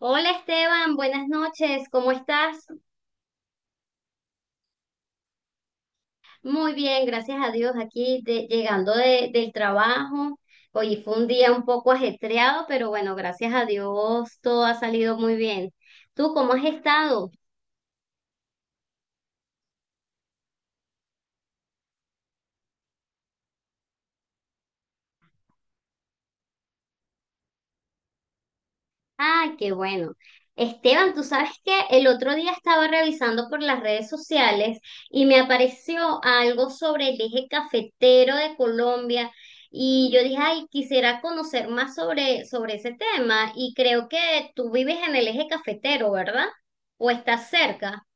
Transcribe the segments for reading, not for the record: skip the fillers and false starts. Hola Esteban, buenas noches, ¿cómo estás? Muy bien, gracias a Dios, aquí llegando del trabajo. Hoy fue un día un poco ajetreado, pero bueno, gracias a Dios todo ha salido muy bien. ¿Tú cómo has estado? Ay, qué bueno. Esteban, tú sabes que el otro día estaba revisando por las redes sociales y me apareció algo sobre el eje cafetero de Colombia y yo dije, ay, quisiera conocer más sobre ese tema y creo que tú vives en el eje cafetero, ¿verdad? ¿O estás cerca?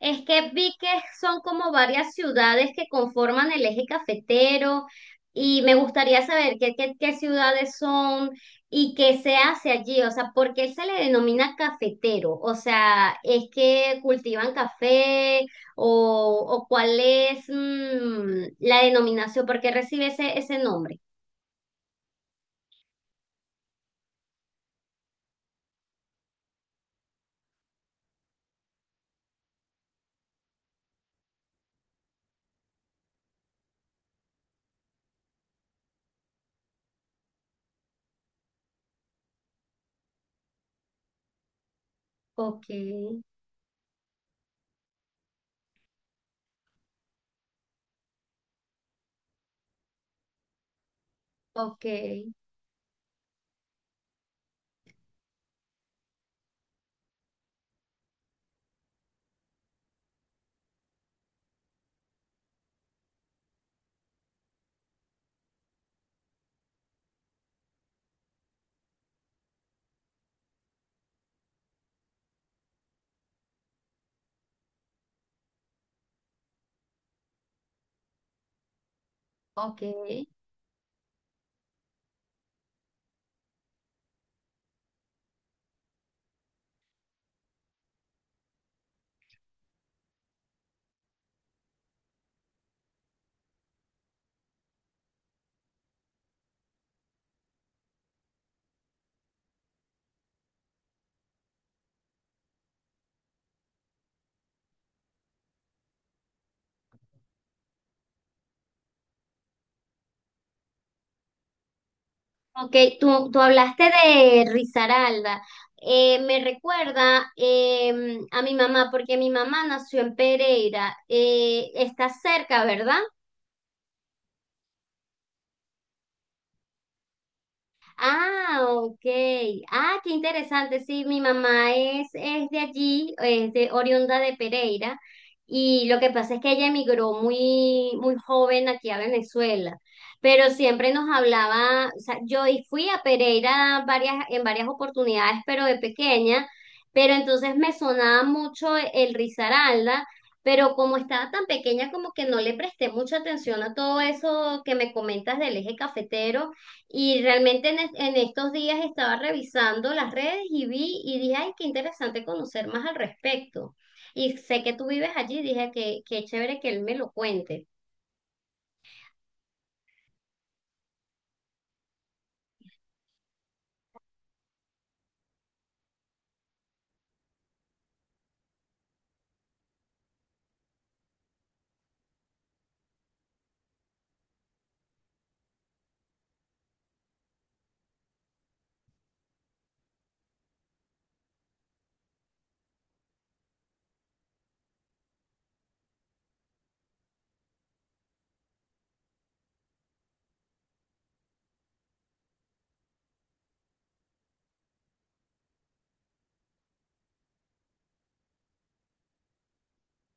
Es que vi que son como varias ciudades que conforman el eje cafetero y me gustaría saber qué ciudades son y qué se hace allí, o sea, ¿por qué se le denomina cafetero? O sea, ¿es que cultivan café o, cuál es la denominación? ¿Por qué recibe ese nombre? Ok, ok, ok. Ok, tú hablaste de Risaralda. Me recuerda a mi mamá, porque mi mamá nació en Pereira. Está cerca, ¿verdad? Ah, ok. Ah, qué interesante. Sí, mi mamá es de allí, es de oriunda de Pereira. Y lo que pasa es que ella emigró muy joven aquí a Venezuela. Pero siempre nos hablaba, o sea, yo y fui a Pereira en varias oportunidades, pero de pequeña. Pero entonces me sonaba mucho el Risaralda. Pero como estaba tan pequeña, como que no le presté mucha atención a todo eso que me comentas del eje cafetero. Y realmente en estos días estaba revisando las redes y vi y dije, ay, qué interesante conocer más al respecto. Y sé que tú vives allí, dije que qué chévere que él me lo cuente.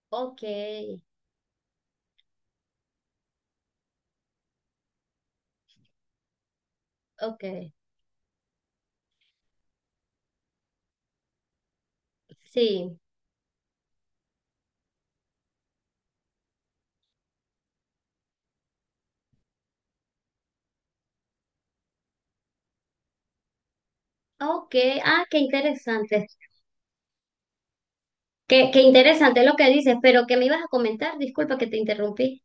Ok, ok, sí. Ok, ah, qué interesante. Qué interesante lo que dices, pero ¿qué me ibas a comentar? Disculpa que te interrumpí.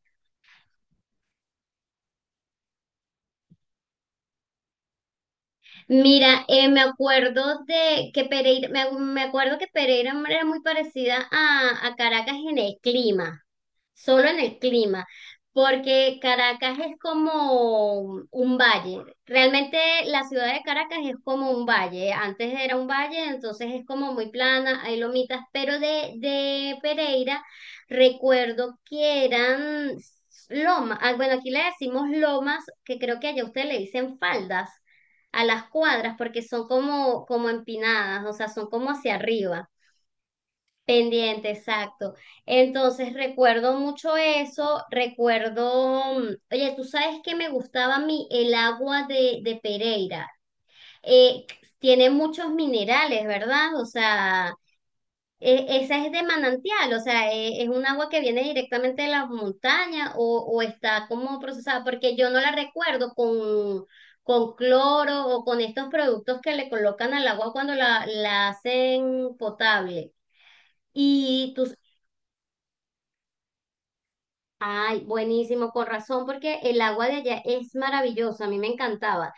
Mira, me acuerdo de que Pereira, me acuerdo que Pereira era muy parecida a Caracas en el clima. Solo en el clima, porque Caracas es como un valle. Realmente la ciudad de Caracas es como un valle. Antes era un valle, entonces es como muy plana, hay lomitas, pero de Pereira recuerdo que eran lomas. Ah, bueno, aquí le decimos lomas, que creo que allá ustedes le dicen faldas a las cuadras porque son como empinadas, o sea, son como hacia arriba. Pendiente, exacto. Entonces recuerdo mucho eso, recuerdo, oye, tú sabes que me gustaba a mí el agua de Pereira. Eh, tiene muchos minerales, ¿verdad? O sea, esa es de manantial, o sea, un agua que viene directamente de las montañas o, está como procesada, porque yo no la recuerdo con cloro o con estos productos que le colocan al agua cuando la hacen potable. Y tú, ay, buenísimo, con razón, porque el agua de allá es maravillosa, a mí me encantaba.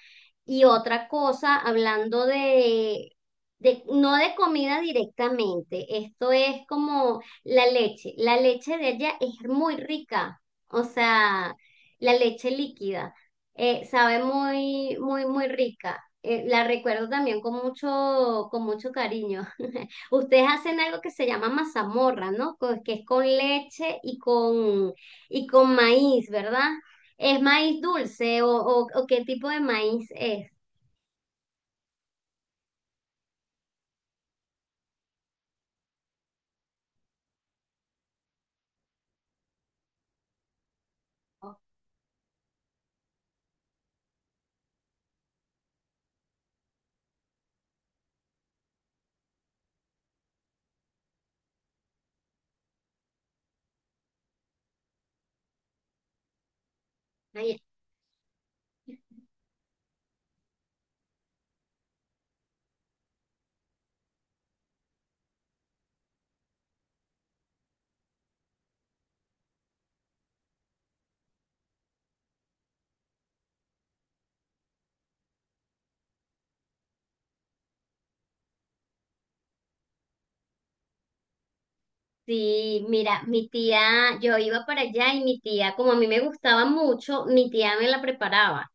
Y otra cosa, hablando no de comida directamente, esto es como la leche. La leche de allá es muy rica, o sea, la leche líquida, sabe muy rica. La recuerdo también con con mucho cariño. Ustedes hacen algo que se llama mazamorra, ¿no? Que es con leche y con maíz, ¿verdad? ¿Es maíz dulce o qué tipo de maíz es? Ay, sí, mira, mi tía, yo iba para allá y mi tía, como a mí me gustaba mucho, mi tía me la preparaba.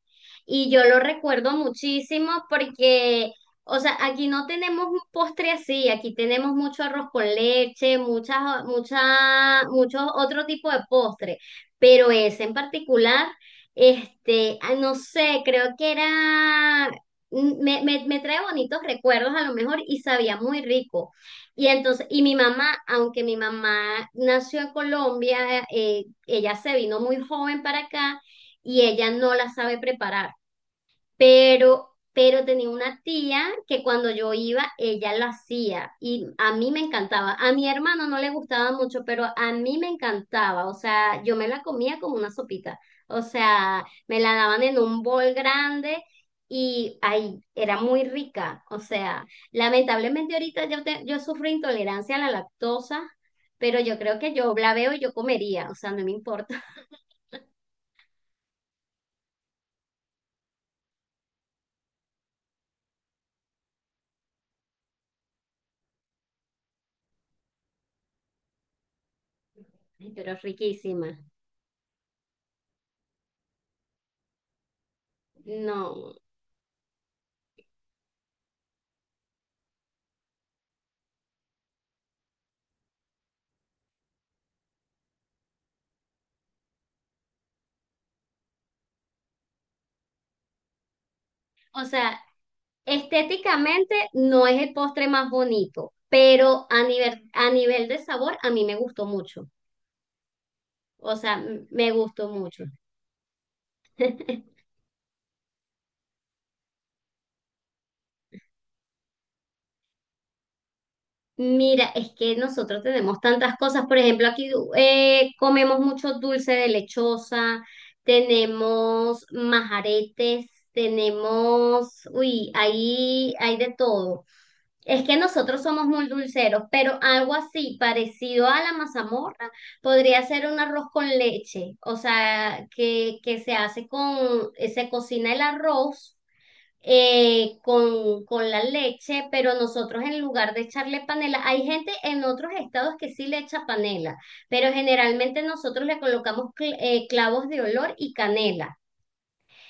Y yo lo recuerdo muchísimo porque, o sea, aquí no tenemos un postre así, aquí tenemos mucho arroz con leche, muchos otro tipo de postre, pero ese en particular, este, ah, no sé, creo que era, me trae bonitos recuerdos a lo mejor y sabía muy rico. Y entonces, y mi mamá, aunque mi mamá nació en Colombia, ella se vino muy joven para acá y ella no la sabe preparar pero tenía una tía que cuando yo iba, ella lo hacía y a mí me encantaba. A mi hermano no le gustaba mucho, pero a mí me encantaba. O sea, yo me la comía como una sopita. O sea, me la daban en un bol grande y ahí era muy rica. O sea, lamentablemente ahorita yo sufro intolerancia a la lactosa. Pero yo creo que yo la veo y yo comería, o sea, no me importa, pero es riquísima. No, o sea, estéticamente no es el postre más bonito, pero a nivel de sabor a mí me gustó mucho. O sea, me gustó mucho. Mira, es que nosotros tenemos tantas cosas. Por ejemplo, aquí comemos mucho dulce de lechosa, tenemos majaretes, tenemos, uy, ahí hay de todo. Es que nosotros somos muy dulceros, pero algo así parecido a la mazamorra podría ser un arroz con leche, o sea, que se hace con, se cocina el arroz con la leche, pero nosotros en lugar de echarle panela, hay gente en otros estados que sí le echa panela, pero generalmente nosotros le colocamos clavos de olor y canela.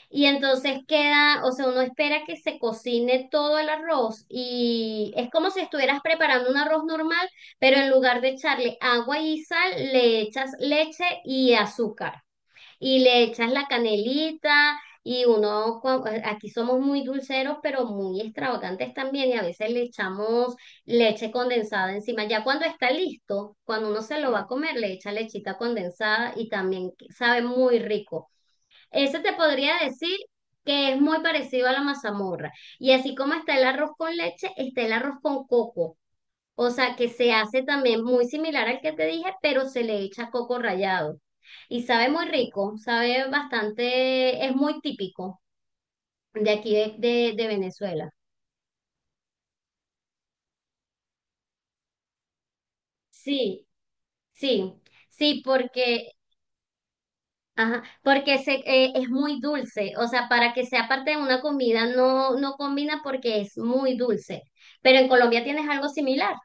Y entonces queda, o sea, uno espera que se cocine todo el arroz y es como si estuvieras preparando un arroz normal, pero en lugar de echarle agua y sal, le echas leche y azúcar y le echas la canelita y uno, aquí somos muy dulceros, pero muy extravagantes también y a veces le echamos leche condensada encima. Ya cuando está listo, cuando uno se lo va a comer, le echa lechita condensada y también sabe muy rico. Ese te podría decir que es muy parecido a la mazamorra. Y así como está el arroz con leche, está el arroz con coco. O sea, que se hace también muy similar al que te dije, pero se le echa coco rallado. Y sabe muy rico, sabe bastante, es muy típico de aquí de Venezuela. Sí, sí, sí, porque ajá, porque es muy dulce, o sea, para que sea parte de una comida no, no combina porque es muy dulce. Pero en Colombia tienes algo similar.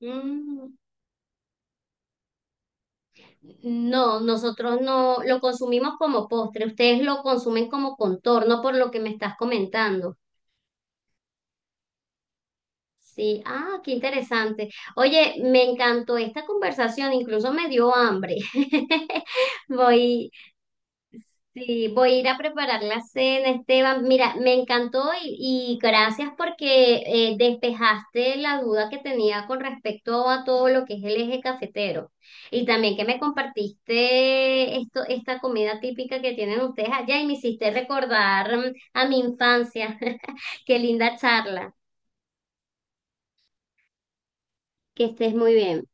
Mm, no, nosotros no lo consumimos como postre, ustedes lo consumen como contorno por lo que me estás comentando. Sí, ah, qué interesante. Oye, me encantó esta conversación, incluso me dio hambre. Voy, sí, voy a ir a preparar la cena, Esteban. Mira, me encantó y gracias porque despejaste la duda que tenía con respecto a todo lo que es el eje cafetero. Y también que me compartiste esto, esta comida típica que tienen ustedes allá y me hiciste recordar a mi infancia. Qué linda charla. Que estés muy bien.